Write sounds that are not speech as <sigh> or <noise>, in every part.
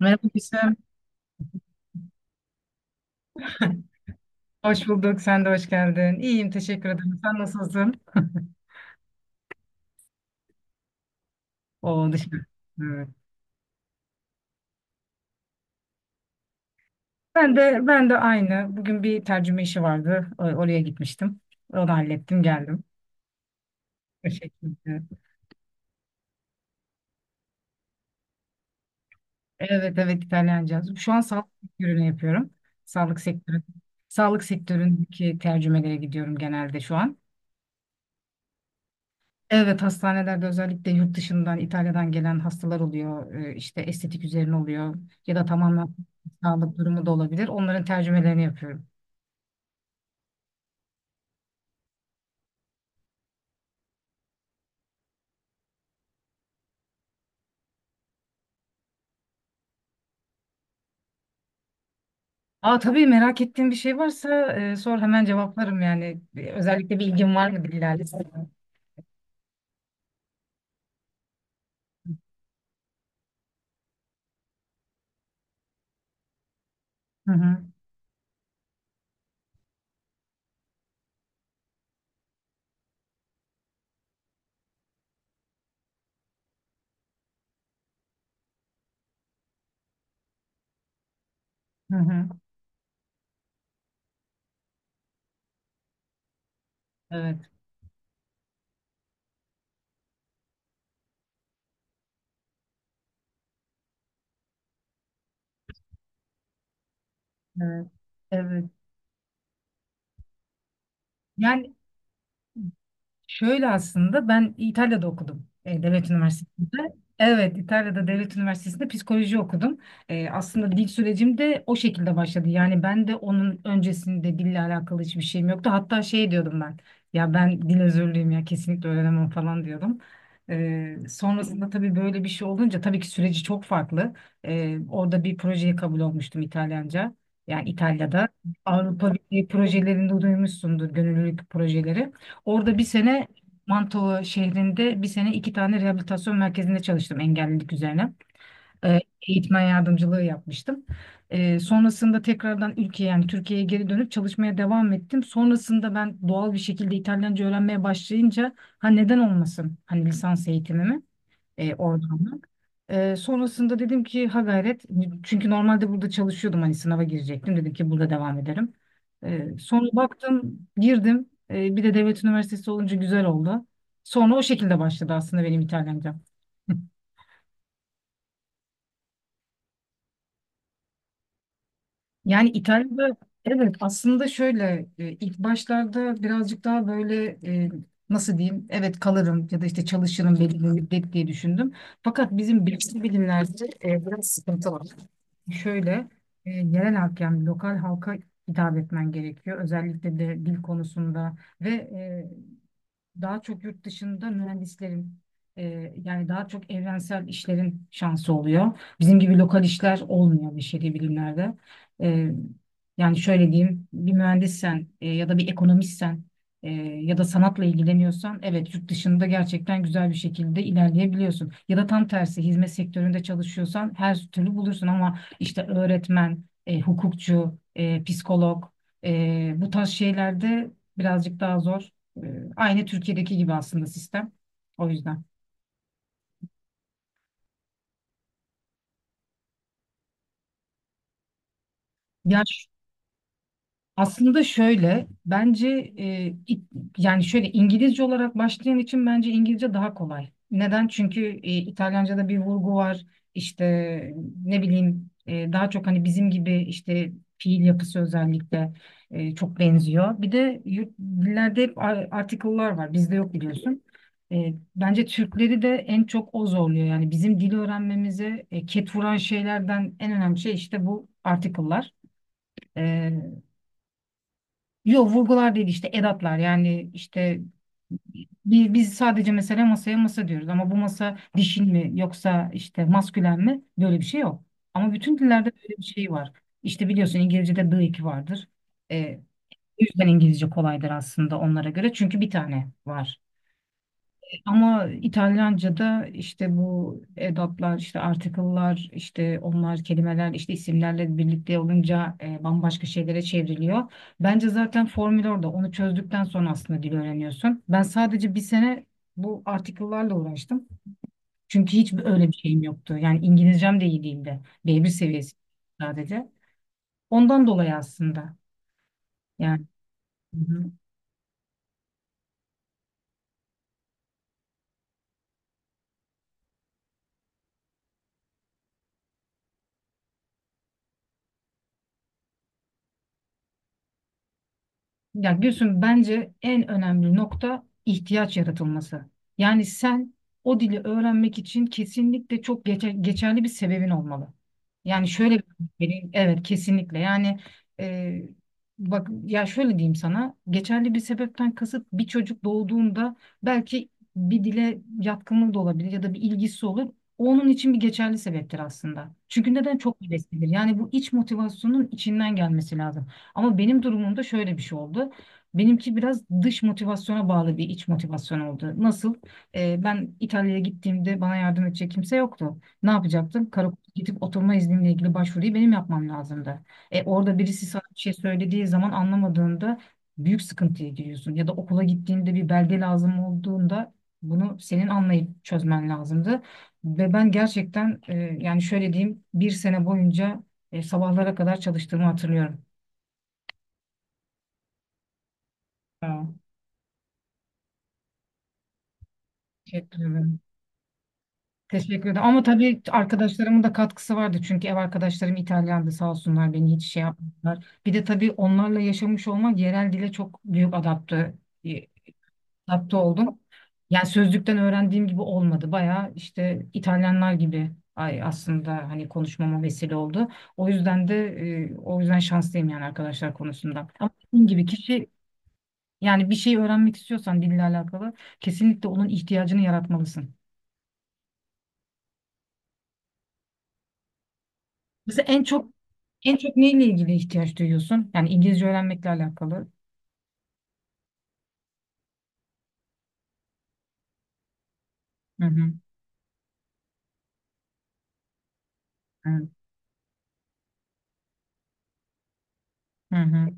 Merhaba Gülsüm. Hoş bulduk. Sen de hoş geldin. İyiyim. Teşekkür ederim. Sen nasılsın? <laughs> O dışarı. Evet. Ben de aynı. Bugün bir tercüme işi vardı. Oraya gitmiştim. Onu hallettim, geldim. O şekilde. Evet evet, İtalyanca. Şu an sağlık sektörünü yapıyorum. Sağlık sektörü. Sağlık sektöründeki tercümelere gidiyorum genelde şu an. Evet, hastanelerde özellikle yurt dışından, İtalya'dan gelen hastalar oluyor. İşte estetik üzerine oluyor ya da tamamen sağlık durumu da olabilir. Onların tercümelerini yapıyorum. Aa, tabii, merak ettiğin bir şey varsa sor, hemen cevaplarım yani. Özellikle bir ilgin var mı dillerle? Hı hı. Hı hı. Evet. Evet. Evet. Yani şöyle, aslında ben İtalya'da okudum, devlet üniversitesinde. Evet, İtalya'da devlet üniversitesinde psikoloji okudum. Aslında dil sürecim de o şekilde başladı. Yani ben de onun öncesinde dille alakalı hiçbir şeyim yoktu. Hatta şey diyordum ben, ya ben dil özürlüyüm ya, kesinlikle öğrenemem falan diyordum. Sonrasında tabii böyle bir şey olunca tabii ki süreci çok farklı. Orada bir projeye kabul olmuştum, İtalyanca. Yani İtalya'da, Avrupa Birliği projelerinde duymuşsundur, gönüllülük projeleri. Orada bir sene, Manto şehrinde bir sene 2 tane rehabilitasyon merkezinde çalıştım, engellilik üzerine. Ee, eğitmen yardımcılığı yapmıştım. Sonrasında tekrardan ülkeye, yani Türkiye'ye geri dönüp çalışmaya devam ettim. Sonrasında ben doğal bir şekilde İtalyanca öğrenmeye başlayınca, ha, neden olmasın, hani lisans eğitimimi oradan da. Sonrasında dedim ki, ha, gayret, çünkü normalde burada çalışıyordum, hani sınava girecektim, dedim ki burada devam ederim. Sonra baktım, girdim. Bir de devlet üniversitesi olunca güzel oldu. Sonra o şekilde başladı aslında benim İtalyanca. Yani İtalya'da, evet, aslında şöyle, ilk başlarda birazcık daha böyle, e, nasıl diyeyim, evet, kalırım ya da işte çalışırım belli bir müddet diye düşündüm. Fakat bizim bilgi bilimlerde biraz sıkıntı var. Şöyle, yerel halk, yani lokal halka hitap etmen gerekiyor. Özellikle de dil konusunda, ve daha çok yurt dışında mühendislerin, yani daha çok evrensel işlerin şansı oluyor. Bizim gibi lokal işler olmuyor beşeri bilimlerde. E, yani şöyle diyeyim, bir mühendissen ya da bir ekonomistsen e, ya da sanatla ilgileniyorsan, evet, yurt dışında gerçekten güzel bir şekilde ilerleyebiliyorsun. Ya da tam tersi, hizmet sektöründe çalışıyorsan her türlü bulursun, ama işte öğretmen, hukukçu, psikolog, bu tarz şeylerde birazcık daha zor. Aynı Türkiye'deki gibi aslında sistem. O yüzden. Ya, aslında şöyle, bence e, it- yani şöyle, İngilizce olarak başlayan için bence İngilizce daha kolay. Neden? Çünkü İtalyanca'da bir vurgu var. İşte, ne bileyim, daha çok hani bizim gibi işte fiil yapısı özellikle çok benziyor. Bir de yurt, dillerde hep article'lar var. Bizde yok, biliyorsun. Bence Türkleri de en çok o zorluyor. Yani bizim dil öğrenmemize ket vuran şeylerden en önemli şey işte bu article'lar. E, Yok vurgular değil, işte edatlar, yani işte biz sadece mesela masaya masa diyoruz, ama bu masa dişil mi yoksa işte maskülen mi, böyle bir şey yok. Ama bütün dillerde böyle bir şey var. İşte biliyorsun, İngilizce'de the iki vardır. Ee, o yüzden İngilizce kolaydır aslında onlara göre, çünkü bir tane var. Ama İtalyanca'da işte bu edatlar, işte article'lar, işte onlar kelimeler, işte isimlerle birlikte olunca bambaşka şeylere çevriliyor. Bence zaten formül orada. Onu çözdükten sonra aslında dil öğreniyorsun. Ben sadece bir sene bu article'larla uğraştım. Çünkü hiç öyle bir şeyim yoktu. Yani İngilizcem de iyi değildi. B1 seviyesi sadece. Ondan dolayı aslında. Yani. Ya Gülsüm, bence en önemli nokta ihtiyaç yaratılması. Yani sen o dili öğrenmek için kesinlikle çok geçerli bir sebebin olmalı. Yani şöyle bir evet, kesinlikle, yani, e, bak ya, şöyle diyeyim sana, geçerli bir sebepten kasıt: bir çocuk doğduğunda belki bir dile yatkınlığı da olabilir ya da bir ilgisi olur. O onun için bir geçerli sebeptir aslında. Çünkü neden? Çok heveslidir. Yani bu iç motivasyonun içinden gelmesi lazım. Ama benim durumumda şöyle bir şey oldu. Benimki biraz dış motivasyona bağlı bir iç motivasyon oldu. Nasıl? Ben İtalya'ya gittiğimde bana yardım edecek kimse yoktu. Ne yapacaktım? Karakola gidip oturma iznimle ilgili başvuruyu benim yapmam lazımdı. Orada birisi sana bir şey söylediği zaman anlamadığında büyük sıkıntıya giriyorsun. Ya da okula gittiğinde bir belge lazım olduğunda, bunu senin anlayıp çözmen lazımdı. Ve ben gerçekten, yani şöyle diyeyim, bir sene boyunca sabahlara kadar çalıştığımı hatırlıyorum. Ha. Teşekkür ederim. Teşekkür ederim. Ama tabii arkadaşlarımın da katkısı vardı. Çünkü ev arkadaşlarım İtalyandı, sağ olsunlar beni hiç şey yapmadılar. Bir de tabii onlarla yaşamış olmak, yerel dile çok büyük e, adapte oldum. Yani sözlükten öğrendiğim gibi olmadı. Bayağı işte İtalyanlar gibi, ay, aslında hani konuşmama vesile oldu. O yüzden de o yüzden şanslıyım, yani, arkadaşlar konusunda. Ama dediğim gibi, kişi, yani, bir şey öğrenmek istiyorsan dille alakalı, kesinlikle onun ihtiyacını yaratmalısın. Mesela en çok neyle ilgili ihtiyaç duyuyorsun? Yani İngilizce öğrenmekle alakalı. Hı hı. Evet. Hı hı.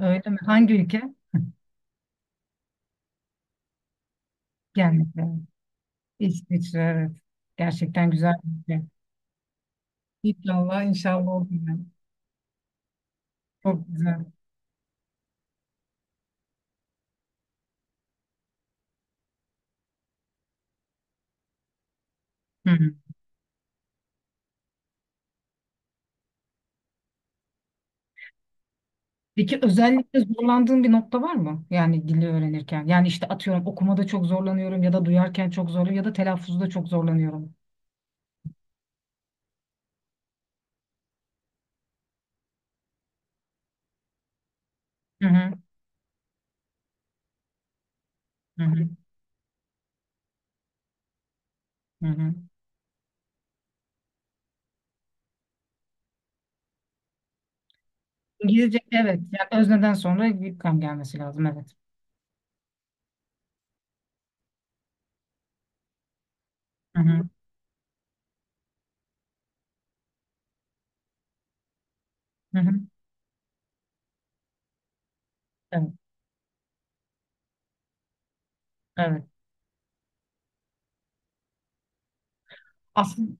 Öyle mi? Hangi ülke? <laughs> Gelmek lazım. İsviçre, evet. Gerçekten güzel bir ülke. İnşallah inşallah olur. Yani. Çok güzel. Hı hı. Peki özellikle zorlandığın bir nokta var mı? Yani dili öğrenirken. Yani işte, atıyorum, okumada çok zorlanıyorum ya da duyarken çok zorlanıyorum ya da telaffuzda çok zorlanıyorum. Hı hı. Hı hı. Hı hı. İngilizce, evet. Yani özneden sonra bir kam gelmesi lazım, evet. Hı hı. Hı hı. Evet, evet. Aslında,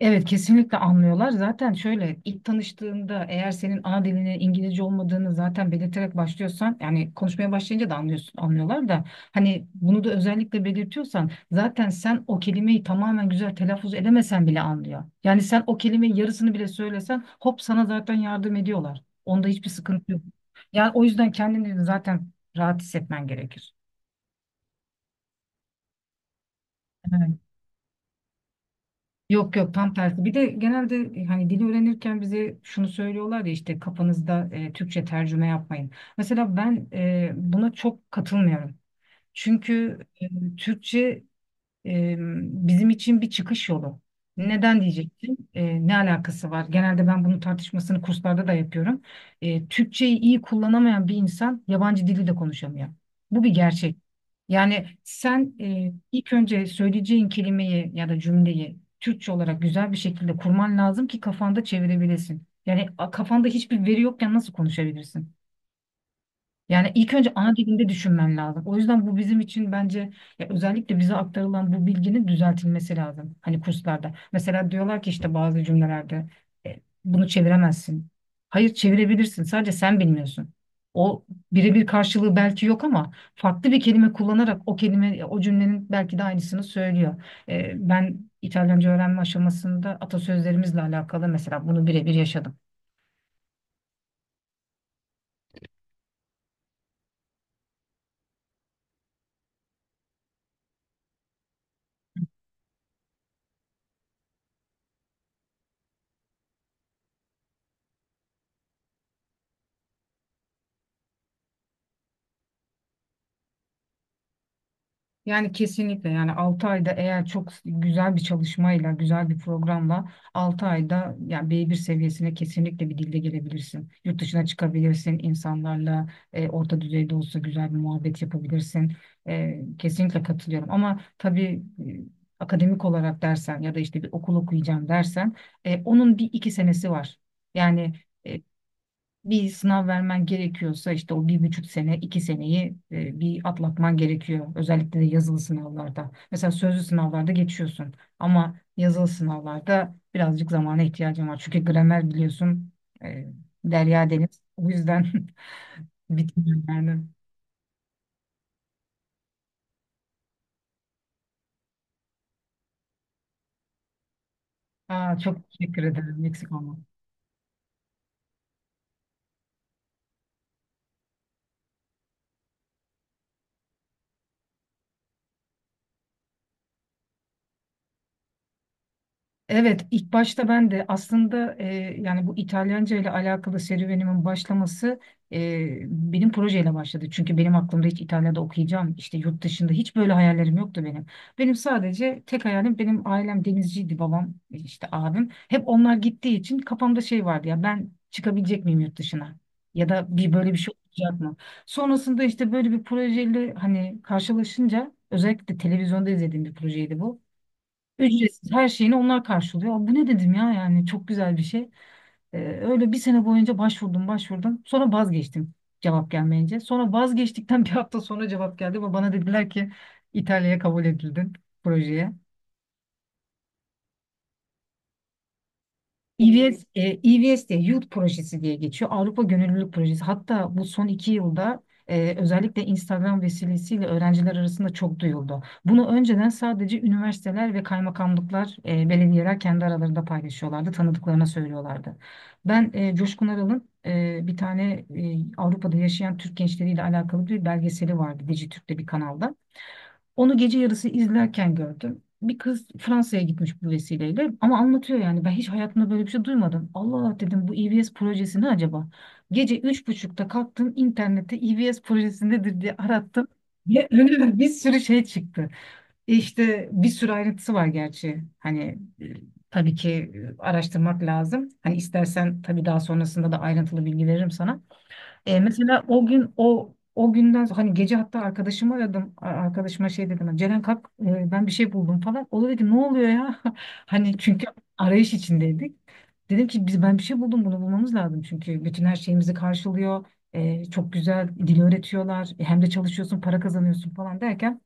evet, kesinlikle anlıyorlar. Zaten şöyle, ilk tanıştığında eğer senin ana dilinin İngilizce olmadığını zaten belirterek başlıyorsan, yani konuşmaya başlayınca da anlıyorsun, anlıyorlar da, hani bunu da özellikle belirtiyorsan, zaten sen o kelimeyi tamamen güzel telaffuz edemesen bile anlıyor. Yani sen o kelimenin yarısını bile söylesen, hop, sana zaten yardım ediyorlar. Onda hiçbir sıkıntı yok. Yani o yüzden kendini de zaten rahat hissetmen gerekir. Yok yok, tam tersi. Bir de genelde hani dili öğrenirken bize şunu söylüyorlar ya, işte kafanızda Türkçe tercüme yapmayın. Mesela ben buna çok katılmıyorum. Çünkü Türkçe e, bizim için bir çıkış yolu. Neden diyeceksin? Ne alakası var? Genelde ben bunun tartışmasını kurslarda da yapıyorum. Türkçeyi iyi kullanamayan bir insan yabancı dili de konuşamıyor. Bu bir gerçek. Yani sen ilk önce söyleyeceğin kelimeyi ya da cümleyi Türkçe olarak güzel bir şekilde kurman lazım ki kafanda çevirebilesin. Yani, kafanda hiçbir veri yokken nasıl konuşabilirsin? Yani ilk önce ana dilinde düşünmen lazım. O yüzden bu bizim için, bence, ya, özellikle bize aktarılan bu bilginin düzeltilmesi lazım. Hani kurslarda. Mesela diyorlar ki, işte bazı cümlelerde e, bunu çeviremezsin. Hayır, çevirebilirsin. Sadece sen bilmiyorsun. O birebir karşılığı belki yok, ama farklı bir kelime kullanarak o kelime o cümlenin belki de aynısını söylüyor. Ben İtalyanca öğrenme aşamasında atasözlerimizle alakalı mesela bunu birebir yaşadım. Yani kesinlikle, yani 6 ayda, eğer çok güzel bir çalışmayla, güzel bir programla 6 ayda yani B1 seviyesine kesinlikle bir dilde gelebilirsin. Yurt dışına çıkabilirsin, insanlarla orta düzeyde olsa güzel bir muhabbet yapabilirsin. Kesinlikle katılıyorum, ama tabii akademik olarak dersen ya da işte bir okul okuyacağım dersen onun bir iki senesi var. Yani e, bir sınav vermen gerekiyorsa işte o 1,5 sene, 2 seneyi bir atlatman gerekiyor. Özellikle de yazılı sınavlarda. Mesela sözlü sınavlarda geçiyorsun, ama yazılı sınavlarda birazcık zamana ihtiyacın var. Çünkü gramer, biliyorsun, e, derya deniz. O yüzden <laughs> bitmiyor yani. Aa, çok teşekkür ederim. Eksik olma. Evet, ilk başta ben de aslında, yani bu İtalyanca ile alakalı serüvenimin başlaması e, benim projeyle başladı. Çünkü benim aklımda hiç İtalya'da okuyacağım, işte yurt dışında hiç böyle hayallerim yoktu benim. Benim sadece tek hayalim, benim ailem denizciydi, babam, işte abim. Hep onlar gittiği için kafamda şey vardı, ya ben çıkabilecek miyim yurt dışına? Ya da bir böyle bir şey olacak mı? Sonrasında işte böyle bir projeyle hani karşılaşınca, özellikle televizyonda izlediğim bir projeydi bu. Ücretsiz, her şeyini onlar karşılıyor. Bu ne dedim ya, yani çok güzel bir şey. Öyle bir sene boyunca başvurdum başvurdum. Sonra vazgeçtim, cevap gelmeyince. Sonra vazgeçtikten <laughs> bir hafta sonra cevap geldi ve bana dediler ki, İtalya'ya kabul edildin projeye. EVS, EVS diye Youth Projesi diye geçiyor. Avrupa Gönüllülük Projesi. Hatta bu son 2 yılda özellikle Instagram vesilesiyle öğrenciler arasında çok duyuldu. Bunu önceden sadece üniversiteler ve kaymakamlıklar, belediyeler kendi aralarında paylaşıyorlardı, tanıdıklarına söylüyorlardı. Ben Coşkun Aral'ın bir tane Avrupa'da yaşayan Türk gençleriyle alakalı bir belgeseli vardı Dijitürk'te bir kanalda. Onu gece yarısı izlerken gördüm. Bir kız Fransa'ya gitmiş bu vesileyle, ama anlatıyor, yani ben hiç hayatımda böyle bir şey duymadım. Allah Allah dedim, bu EVS projesi ne acaba? Gece 03.30'da kalktım, internette EVS projesi nedir diye arattım. Ve <laughs> önüme bir sürü şey çıktı. İşte bir sürü ayrıntısı var gerçi. Hani tabii ki araştırmak lazım. Hani istersen tabii daha sonrasında da ayrıntılı bilgi veririm sana. Mesela o gün o günden sonra, hani gece hatta arkadaşımı aradım. Arkadaşıma şey dedim. "Hani Ceren, kalk, ben bir şey buldum falan." O da dedi ki, "Ne oluyor ya?" <laughs> Hani, çünkü arayış içindeydik. Dedim ki, biz, ben bir şey buldum, bunu bulmamız lazım. Çünkü bütün her şeyimizi karşılıyor. Çok güzel dil öğretiyorlar. Hem de çalışıyorsun, para kazanıyorsun falan derken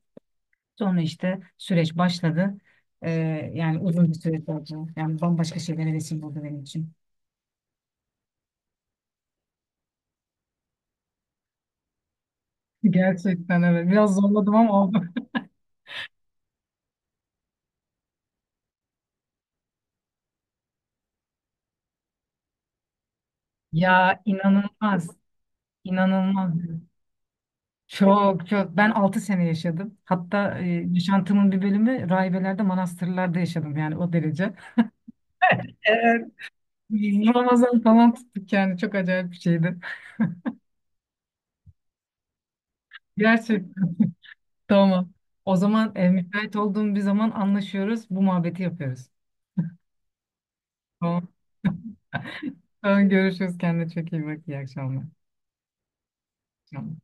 sonra işte süreç başladı. E, yani uzun bir süreç oldu. Yani bambaşka şeylere vesile oldu benim için. Gerçekten, evet. Biraz zorladım, ama oldu. Ya, inanılmaz. İnanılmaz. Çok çok. Ben 6 sene yaşadım. Hatta yaşantımın bir bölümü rahibelerde, manastırlarda yaşadım, yani o derece. Evet. Ramazan falan tuttuk, yani çok acayip bir şeydi. Gerçekten, tamam. O zaman müsait olduğum bir zaman anlaşıyoruz. Bu muhabbeti yapıyoruz. Tamam. Tamam, görüşürüz. Kendine çok iyi bak. İyi akşamlar. İyi akşamlar.